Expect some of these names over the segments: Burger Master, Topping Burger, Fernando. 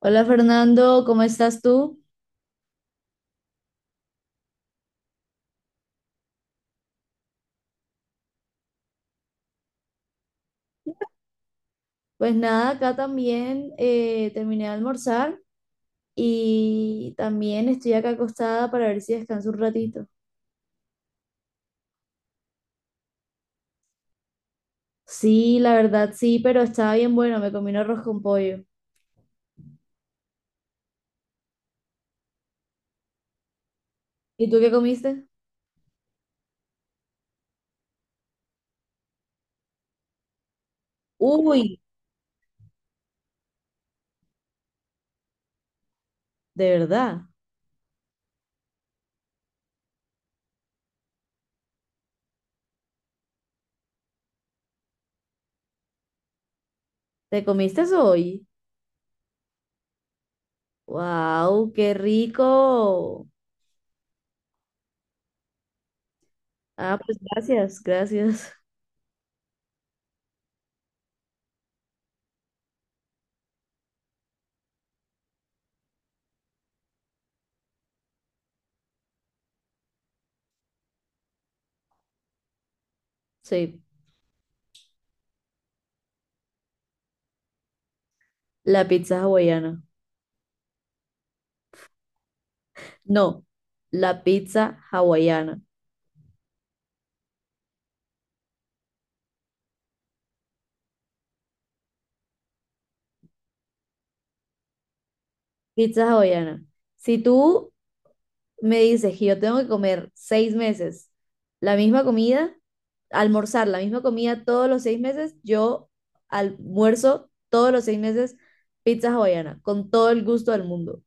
Hola Fernando, ¿cómo estás tú? Pues nada, acá también terminé de almorzar y también estoy acá acostada para ver si descanso un ratito. Sí, la verdad sí, pero estaba bien bueno, me comí un arroz con pollo. ¿Y tú qué comiste? Uy, de verdad, ¿te comiste eso hoy? ¡Wow! ¡Qué rico! Ah, pues gracias, gracias. Sí, la pizza hawaiana. No, la pizza hawaiana. Pizza hawaiana. Si tú me dices que yo tengo que comer 6 meses la misma comida, almorzar la misma comida todos los 6 meses, yo almuerzo todos los 6 meses pizza hawaiana, con todo el gusto del mundo.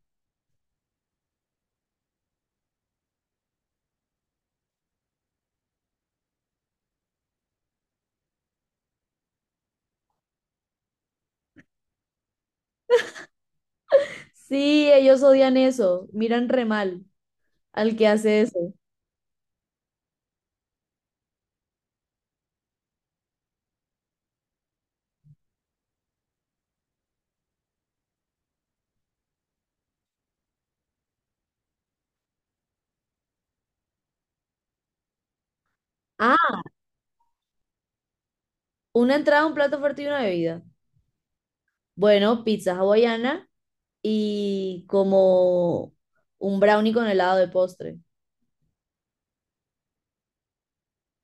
Sí, ellos odian eso, miran re mal al que hace eso. Ah, una entrada, un plato fuerte y una bebida. Bueno, pizza hawaiana y como un brownie con helado de postre.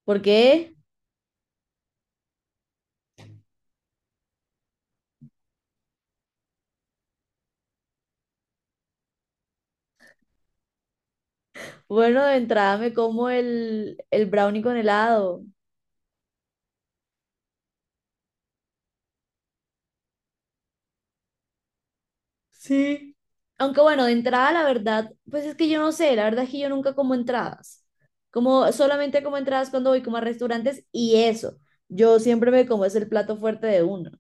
¿Por qué? Bueno, de entrada me como el brownie con helado. Sí. Aunque bueno, de entrada, la verdad, pues es que yo no sé, la verdad es que yo nunca como entradas. Como solamente como entradas cuando voy como a restaurantes y eso. Yo siempre me como es el plato fuerte de uno.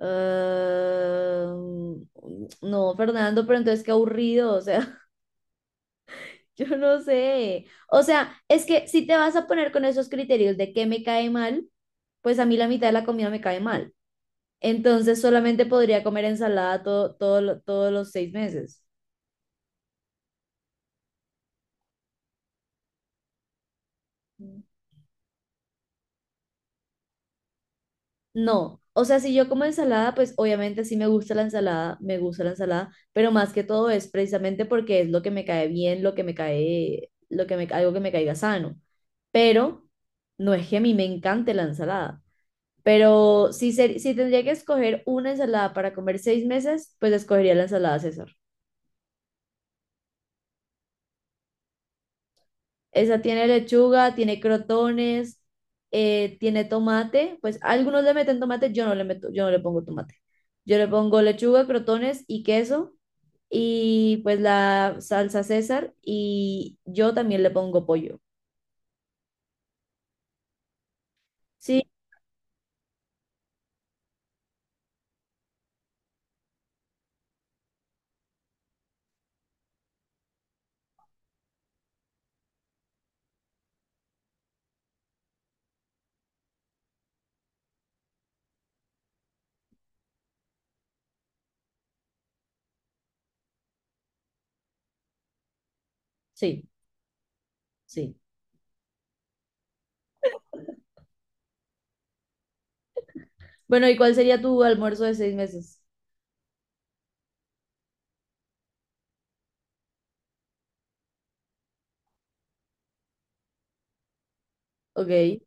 Ah, no, Fernando, pero entonces qué aburrido, o sea, yo no sé. O sea, es que si te vas a poner con esos criterios de qué me cae mal, pues a mí la mitad de la comida me cae mal. Entonces solamente podría comer ensalada todos los 6 meses. No, o sea, si yo como ensalada, pues obviamente sí me gusta la ensalada, me gusta la ensalada, pero más que todo es precisamente porque es lo que me cae bien, lo que me cae, lo que me, algo que me caiga sano. Pero no es que a mí me encante la ensalada. Pero si tendría que escoger una ensalada para comer 6 meses, pues escogería la ensalada César. Esa tiene lechuga, tiene crotones, tiene tomate. Pues algunos le meten tomate, yo no le meto, yo no le pongo tomate. Yo le pongo lechuga, crotones y queso. Y pues la salsa César. Y yo también le pongo pollo. Sí, sí, sí. Bueno, ¿y cuál sería tu almuerzo de 6 meses? Ok.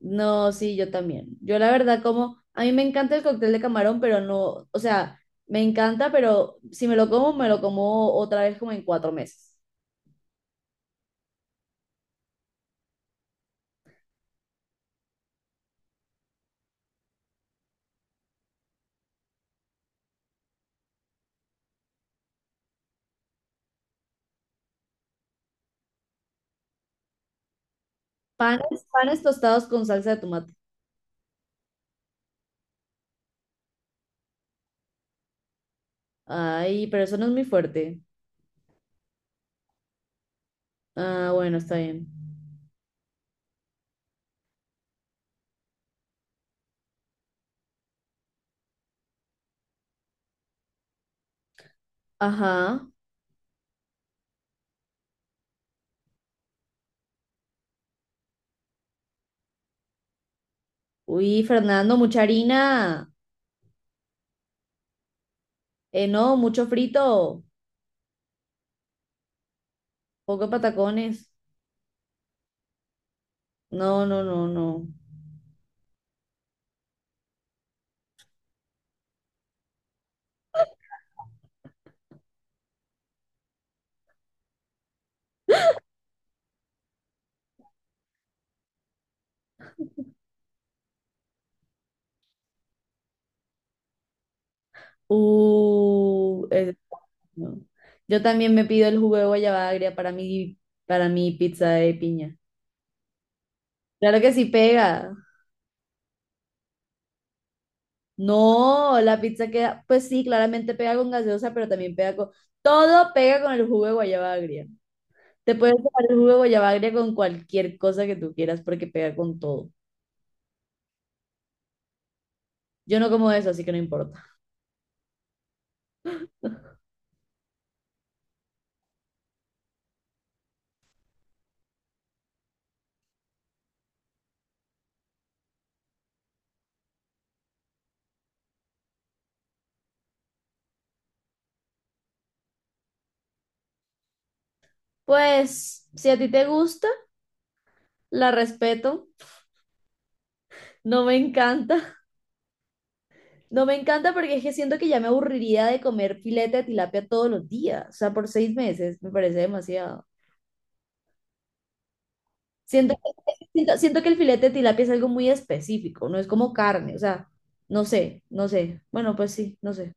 No, sí, yo también. Yo la verdad como, a mí me encanta el cóctel de camarón, pero no, o sea, me encanta, pero si me lo como, me lo como otra vez como en 4 meses. Panes, panes tostados con salsa de tomate. Ay, pero eso no es muy fuerte. Ah, bueno, está bien. Ajá. Uy, Fernando, mucha harina. No, mucho frito. Poco patacones. No, no, no, no. Uh, eh, no. Yo también me pido el jugo de guayaba agria para mi pizza de piña. Claro que sí pega. No, la pizza queda, pues sí, claramente pega con gaseosa, pero también pega con... Todo pega con el jugo de guayaba agria. Te puedes tomar el jugo de guayabagria con cualquier cosa que tú quieras porque pega con todo. Yo no como eso, así que no importa. Pues, si a ti te gusta, la respeto. No me encanta. No me encanta porque es que siento que ya me aburriría de comer filete de tilapia todos los días. O sea, por 6 meses me parece demasiado. Siento, siento que el filete de tilapia es algo muy específico, no es como carne. O sea, no sé, no sé. Bueno, pues sí, no sé.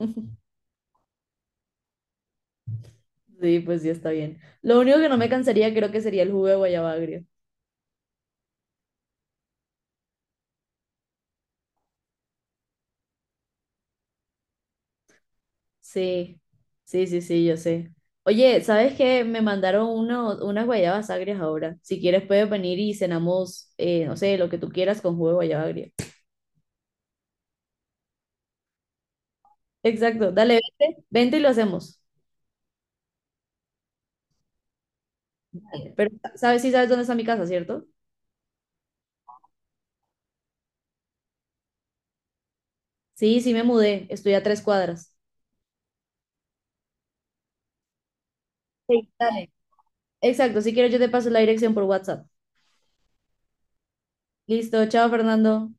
Sí, pues sí, está bien. Lo único que no me cansaría creo que sería el jugo de guayabagria. Sí, sí, sí, sí, yo sé. Oye, ¿sabes qué? Me mandaron unas guayabas agrias ahora. Si quieres puedes venir y cenamos, no sé, lo que tú quieras con jugo de guayaba agria. Exacto, dale, vente, vente y lo hacemos. Dale. Pero, ¿sabes? Sí sabes dónde está mi casa, ¿cierto? Sí, sí me mudé, estoy a 3 cuadras. Sí. Dale. Exacto, si quieres yo te paso la dirección por WhatsApp. Listo, chao Fernando.